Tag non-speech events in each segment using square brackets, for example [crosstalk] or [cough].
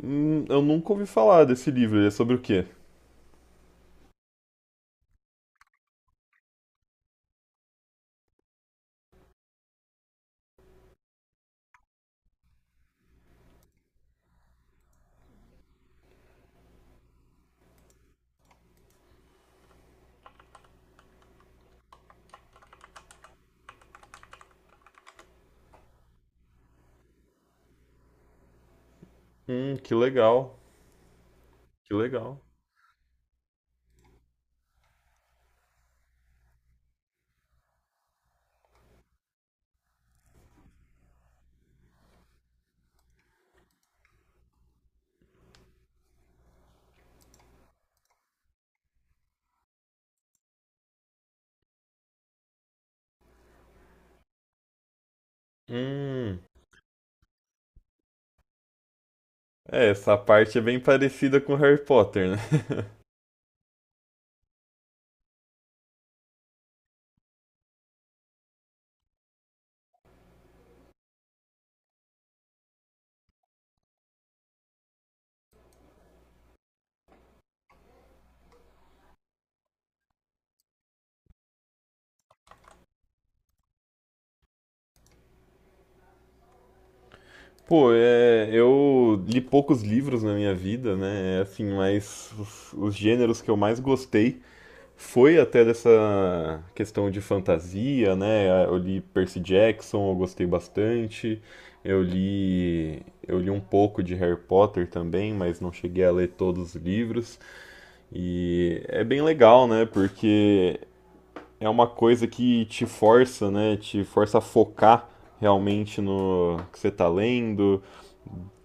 Eu nunca ouvi falar desse livro. Ele é sobre o quê? Que legal. Que legal. Hum. É, essa parte é bem parecida com Harry Potter, né? [laughs] Pô, é, eu li poucos livros na minha vida, né? É assim, mas os gêneros que eu mais gostei foi até dessa questão de fantasia, né? Eu li Percy Jackson, eu gostei bastante. Eu li, eu li um pouco de Harry Potter também, mas não cheguei a ler todos os livros. E é bem legal, né? Porque é uma coisa que te força, né? Te força a focar realmente no que você tá lendo,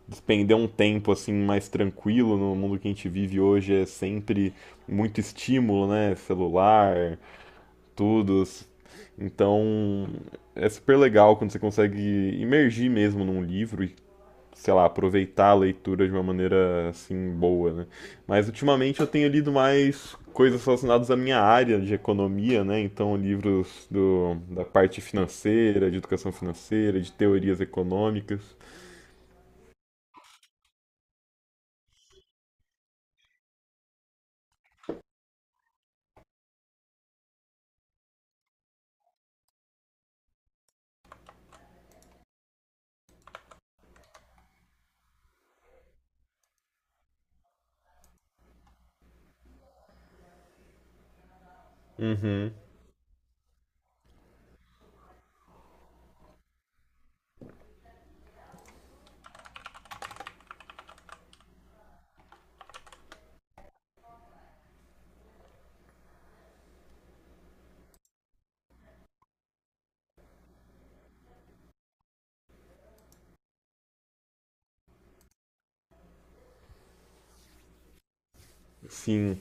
despender um tempo assim mais tranquilo no mundo que a gente vive hoje é sempre muito estímulo, né? Celular, tudo. Então é super legal quando você consegue imergir mesmo num livro e sei lá, aproveitar a leitura de uma maneira assim boa, né? Mas ultimamente eu tenho lido mais coisas relacionadas à minha área de economia, né? Então livros da parte financeira, de educação financeira, de teorias econômicas. Uhum. Sim.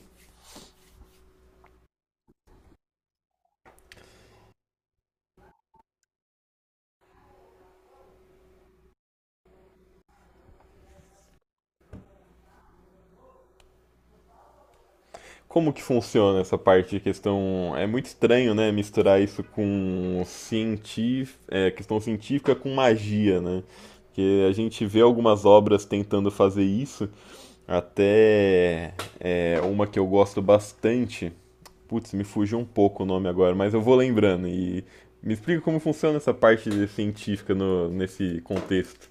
Como que funciona essa parte de questão? É muito estranho, né, misturar isso com cientif... é, questão científica com magia, né? Porque a gente vê algumas obras tentando fazer isso, até é, uma que eu gosto bastante. Putz, me fugiu um pouco o nome agora, mas eu vou lembrando. E me explica como funciona essa parte científica nesse contexto.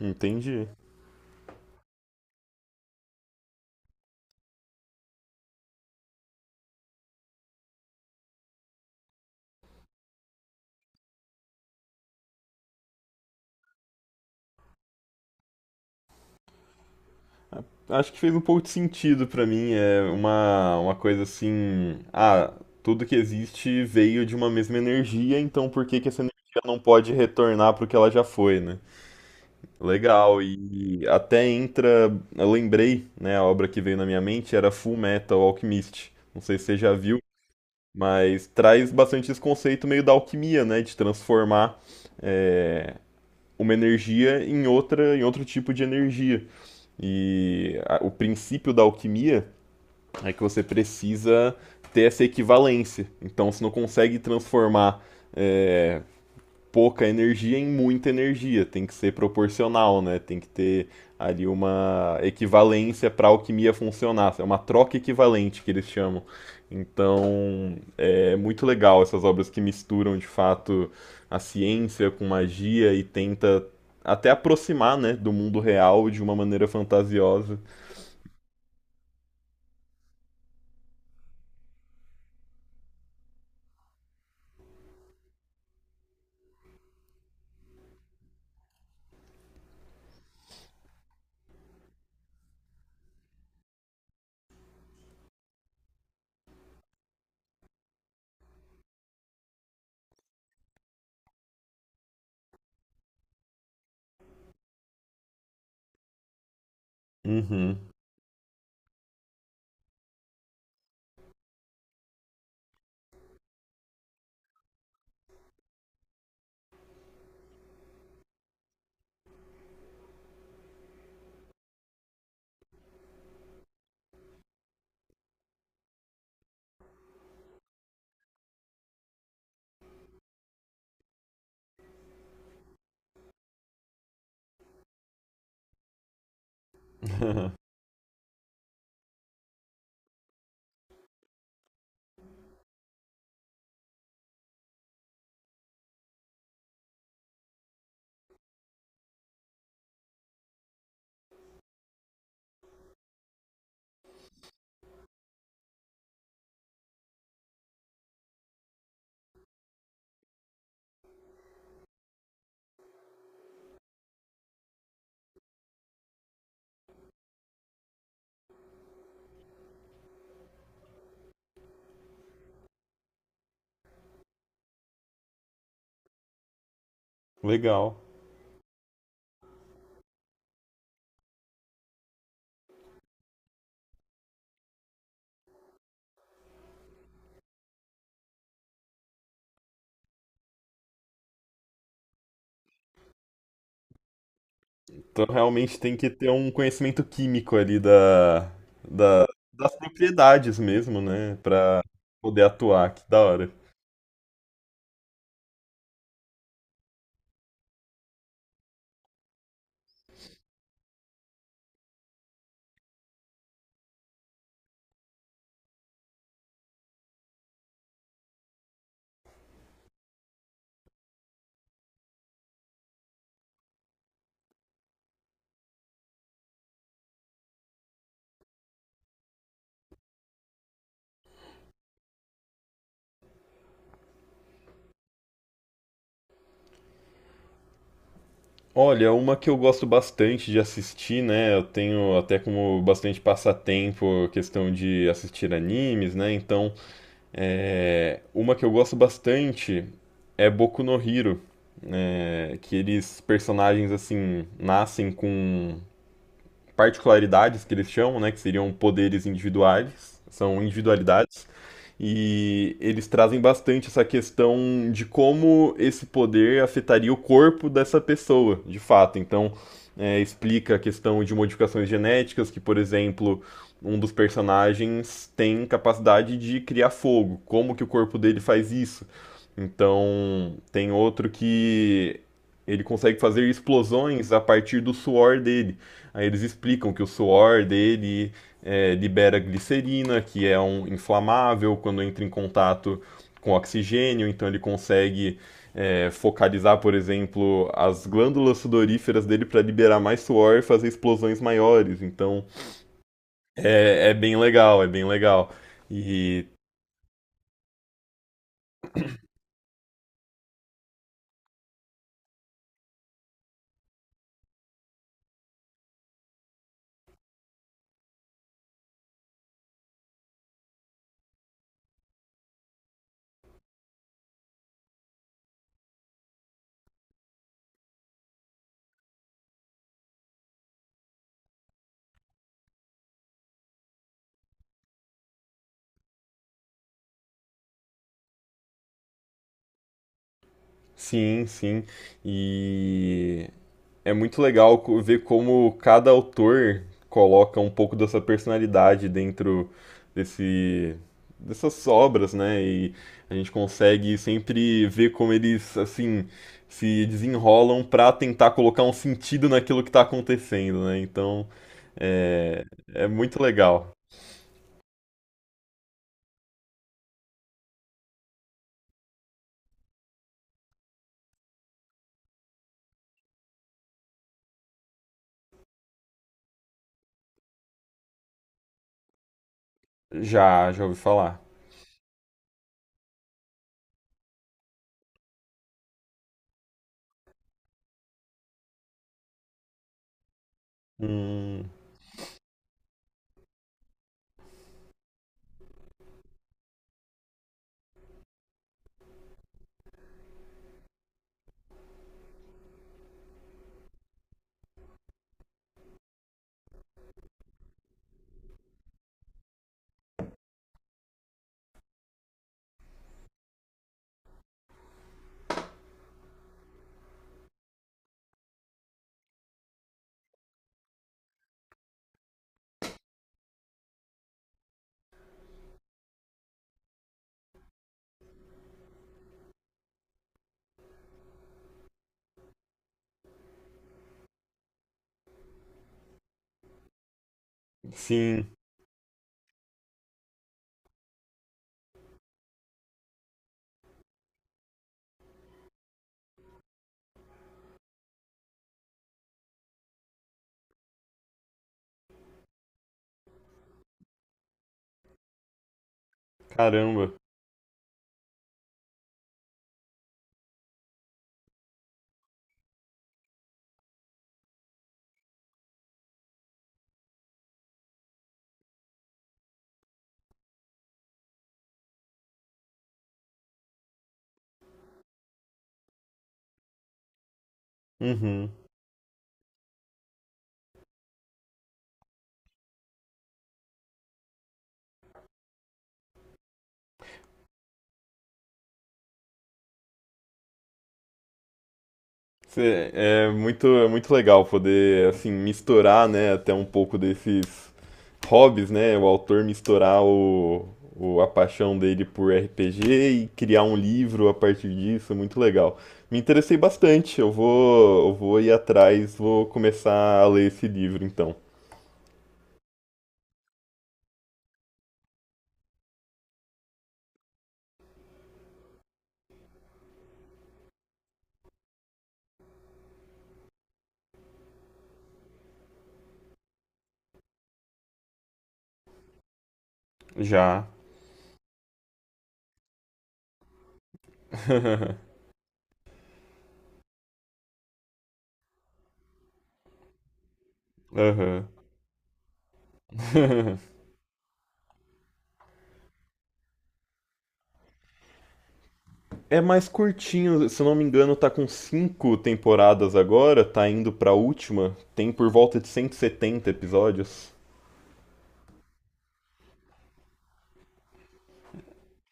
Entendi. Acho que fez um pouco de sentido pra mim. É uma coisa assim. Ah, tudo que existe veio de uma mesma energia, então por que que essa energia não pode retornar pro que ela já foi, né? Legal, e até entra. Eu lembrei, né? A obra que veio na minha mente era Full Metal Alchemist. Não sei se você já viu, mas traz bastante esse conceito meio da alquimia, né? De transformar é, uma energia em outra, em outro tipo de energia. E o princípio da alquimia é que você precisa ter essa equivalência. Então você não consegue transformar é, pouca energia em muita energia. Tem que ser proporcional, né? Tem que ter ali uma equivalência para a alquimia funcionar. É uma troca equivalente que eles chamam. Então é muito legal essas obras que misturam de fato a ciência com magia e tenta até aproximar né, do mundo real de uma maneira fantasiosa. Uhum. [laughs] Legal. Então realmente tem que ter um conhecimento químico ali da, da- das propriedades mesmo, né? Pra poder atuar, que da hora. Olha, uma que eu gosto bastante de assistir, né? Eu tenho até como bastante passatempo a questão de assistir animes, né? Então, é, uma que eu gosto bastante é Boku no Hero, né? Que eles, personagens assim, nascem com particularidades que eles chamam, né, que seriam poderes individuais, são individualidades e eles trazem bastante essa questão de como esse poder afetaria o corpo dessa pessoa, de fato. Então, é, explica a questão de modificações genéticas, que, por exemplo, um dos personagens tem capacidade de criar fogo. Como que o corpo dele faz isso? Então, tem outro que ele consegue fazer explosões a partir do suor dele. Aí eles explicam que o suor dele é, libera glicerina, que é um inflamável quando entra em contato com oxigênio, então ele consegue é, focalizar, por exemplo, as glândulas sudoríferas dele para liberar mais suor e fazer explosões maiores. Então é, é bem legal, é bem legal. E sim, sim. E É muito legal ver como cada autor coloca um pouco dessa personalidade dentro desse, dessas obras, né? E a gente consegue sempre ver como eles, assim, se desenrolam para tentar colocar um sentido naquilo que está acontecendo, né? Então, é, é muito legal. Já, já ouvi falar. Hum, sim, caramba. Uhum. É muito legal poder assim misturar, né, até um pouco desses hobbies, né, o autor misturar o, a paixão dele por RPG e criar um livro a partir disso, é muito legal. Me interessei bastante, eu vou ir atrás, vou começar a ler esse livro então. Já. [laughs] Aham. [laughs] É mais curtinho, se eu não me engano, tá com cinco temporadas agora, tá indo pra última. Tem por volta de 170 episódios.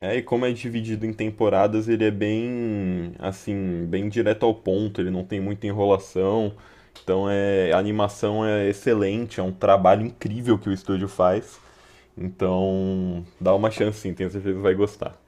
É, e como é dividido em temporadas, ele é bem, assim, bem direto ao ponto, ele não tem muita enrolação. Então é, a animação é excelente, é um trabalho incrível que o estúdio faz. Então, dá uma chance sim, tenho certeza que vai gostar.